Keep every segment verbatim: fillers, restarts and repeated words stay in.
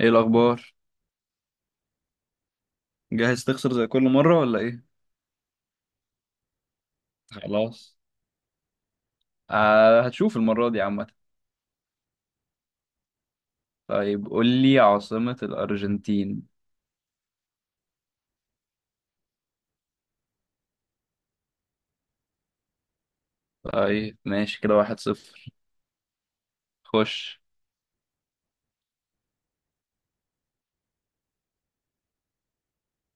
ايه الاخبار؟ جاهز تخسر زي كل مره ولا ايه؟ خلاص، آه هتشوف المره دي عامه. طيب قول لي عاصمه الارجنتين. طيب ماشي، كده واحد صفر. خش.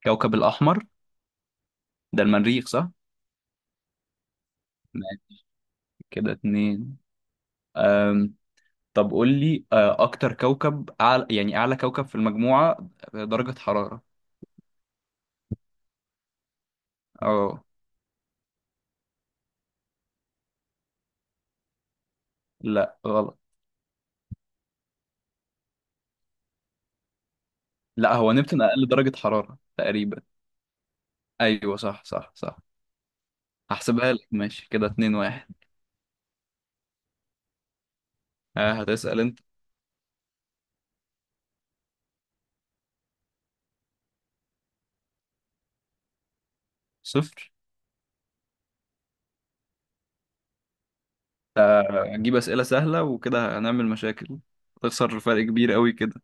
كوكب الاحمر ده المريخ صح؟ ماشي، كده اتنين. أم. طب قول لي آه اكتر كوكب أعلى، يعني اعلى كوكب في المجموعه درجه حراره. اه لا غلط. لا هو نبتون اقل درجه حراره تقريبا. ايوه صح صح صح. هحسبها لك، ماشي كده اتنين واحد. آه هتسأل انت. صفر. آه، هنجيب أسئلة سهلة وكده هنعمل مشاكل. هتخسر فرق كبير قوي كده.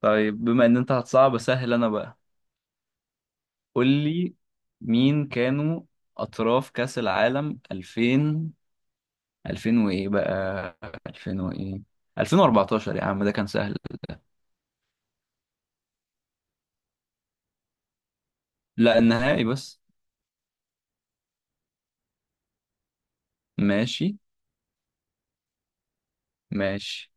طيب بما إن أنت هتصعب سهل أنا بقى. قول لي، مين كانوا أطراف كأس العالم ألفين؟ ألفين وإيه بقى؟ ألفين وإيه؟ ألفين وأربعتاشر؟ يا عم ده كان سهل. لا النهائي بس. ماشي. ماشي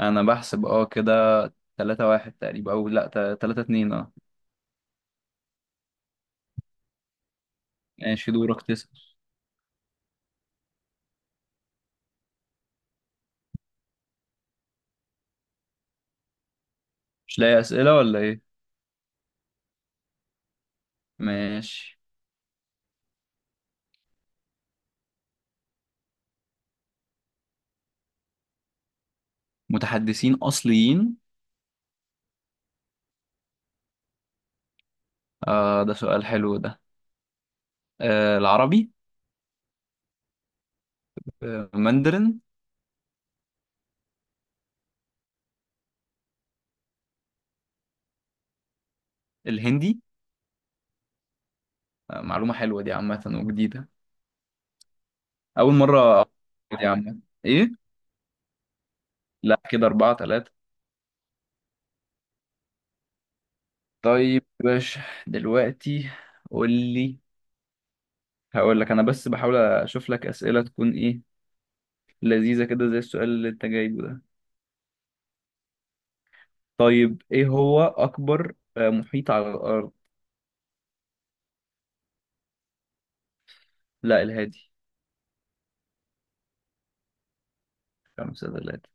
أنا بحسب أه كده. تلاتة واحد تقريبا أو لا؟ تلاتة اتنين أه. ماشي دورك تسأل. مش لاقي أسئلة ولا إيه؟ ماشي. متحدثين أصليين؟ آه ده سؤال حلو ده. آه العربي. آه ماندرين. الهندي. آه معلومة حلوة دي عامة وجديدة، أول مرة أعرف. دي عامة. إيه؟ لا كده أربعة تلاتة. طيب يا باشا، دلوقتي قول لي. هقول لك، أنا بس بحاول أشوف لك أسئلة تكون إيه، لذيذة كده زي السؤال اللي أنت جايبه ده. طيب إيه هو أكبر آه محيط على الأرض؟ لا الهادي. خمسة تلاتة.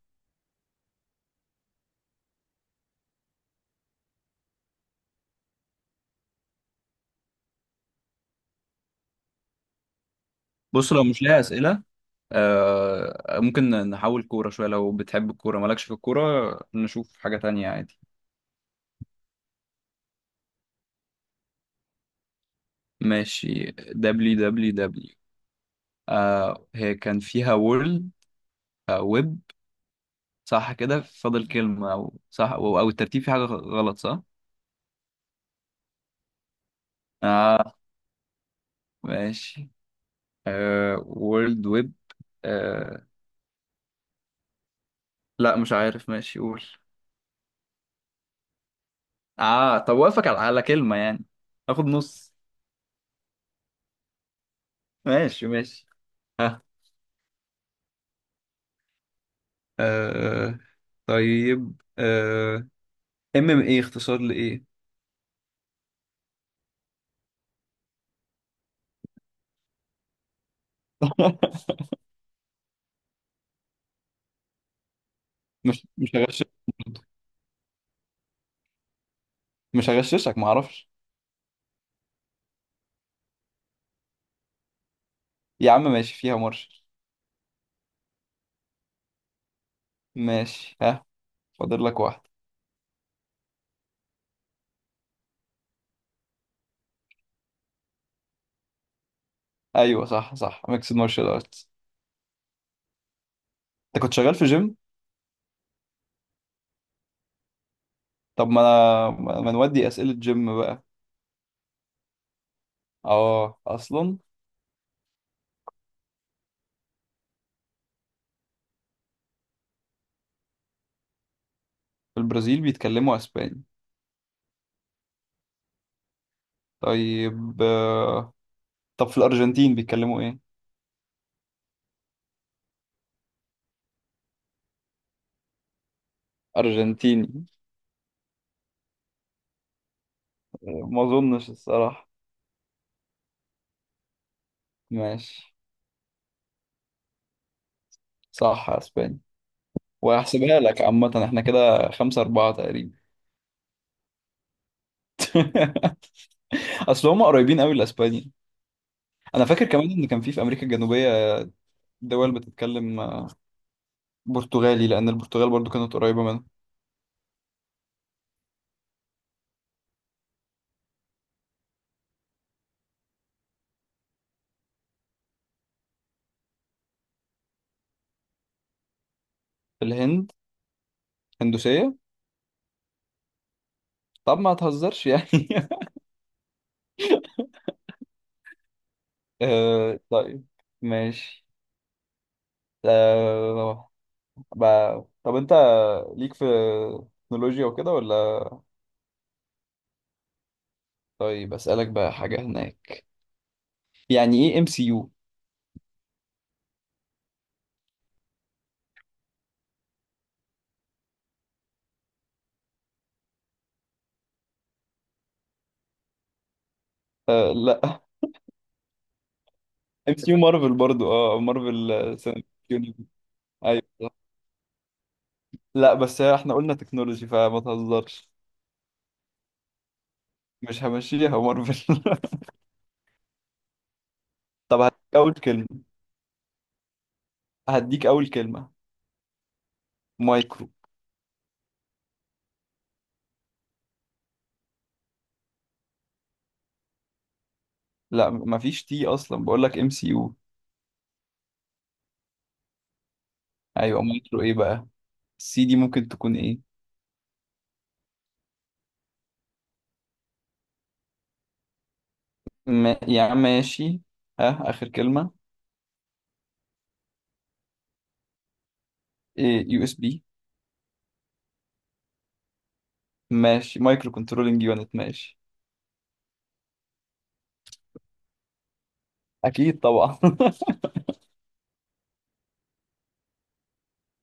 بص لو مش ليها أسئلة، آه ممكن نحول كورة شوية، لو بتحب الكورة، مالكش في الكورة نشوف حاجة تانية عادي. ماشي، دبليو دبليو دبليو، آه هي كان فيها وورلد، آه ويب، صح؟ كده فاضل كلمة، أو صح، أو أو الترتيب في حاجة غلط صح؟ آه ماشي. آه وورلد ويب. آه لا مش عارف، ماشي قول. آه طب وافقك على على كلمة يعني، آخد نص. ماشي ماشي. آه طيب. آه ام ام ايه اختصار لايه؟ مش مش هغششك. مش هغششك معرفش. يا عم ماشي فيها مارشال. ماشي، ها فاضل لك واحد. ايوه صح صح، ميكس مارشال ارتس. انت كنت شغال في جيم؟ طب ما انا، ما نودي اسئله جيم بقى. اه اصلا. في البرازيل بيتكلموا اسباني؟ طيب آه، طب في الارجنتين بيتكلموا ايه؟ ارجنتيني؟ آه، ما اظنش الصراحه. ماشي. صح اسباني. وهحسبها لك عامة، احنا كده خمسة أربعة تقريبا. أصل هم قريبين قوي لأسبانيا. أنا فاكر كمان إن كان في في أمريكا الجنوبية دول بتتكلم آه، برتغالي، لأن البرتغال برضو كانت قريبة منها. الهند هندوسية. طب ما تهزرش يعني. آه، طيب. ماشي. آه، بقى- طب أنت ليك في تكنولوجيا وكده ولا؟ طيب أسألك بقى حاجة هناك، يعني إيه ام سي يو؟ آه لا ام سي يو مارفل برضو، اه مارفل، آه، سينماتيك يونيفرس. أيوة. لا بس هي احنا قلنا تكنولوجي فما تهزرش. مش همشيها مارفل. طب هديك اول كلمة. هديك اول كلمة. مايكرو. لا مفيش تي اصلا، بقول لك ام سي يو. ايوه مايكرو ايه بقى؟ السي دي ممكن تكون ايه؟ ما... يعني ماشي، ها اخر كلمة. إيه يو اس بي؟ ماشي، مايكرو كنترولينج يونت ماشي. اكيد طبعا.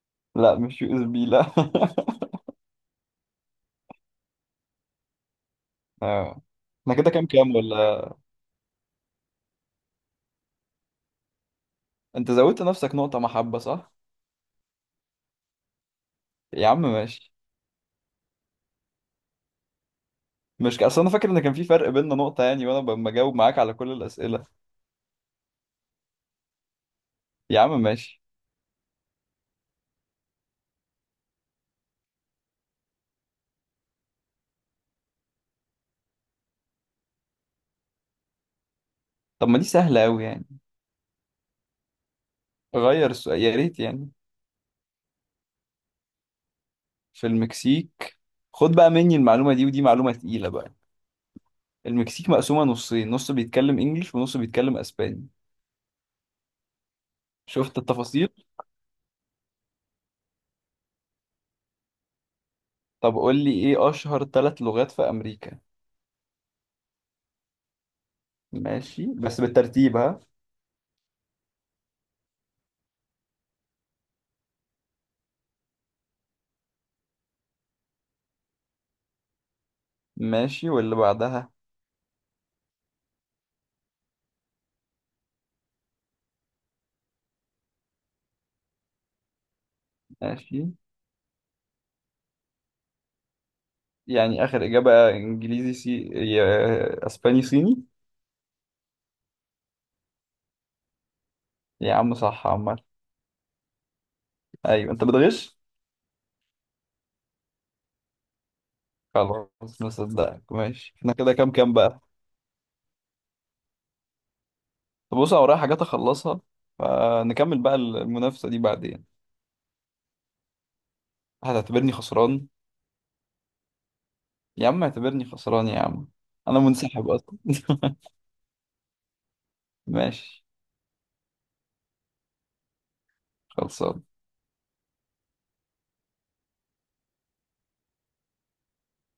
لا مش يو اس بي لا آه. احنا كده كام كام ولا؟ انت زودت نفسك نقطة محبة صح؟ يا عم ماشي. مش ك- اصل انا فاكر ان كان في فرق بيننا نقطة يعني، وانا ب- بجاوب معاك على كل الأسئلة. يا عم ماشي. طب ما دي سهلة قوي يعني. غير السؤال يا ريت يعني. في المكسيك، خد بقى مني المعلومة دي، ودي معلومة تقيلة بقى. المكسيك مقسومة نصين، نص بيتكلم انجليش ونص بيتكلم اسباني. شفت التفاصيل؟ طب قول لي ايه اشهر ثلاث لغات في امريكا. ماشي بس بالترتيب ها. ماشي واللي بعدها. ماشي. يعني اخر اجابة انجليزي، سي يا- اسباني صيني. يا عم صح عمال. ايوه انت بتغش. خلاص نصدقك ماشي، احنا كده كام كام بقى؟ طب بص انا ورايا حاجات اخلصها، فنكمل بقى المنافسة دي بعدين. هتعتبرني خسران؟ يا عم اعتبرني خسران يا عم، انا منسحب اصلا. ماشي. خلصان.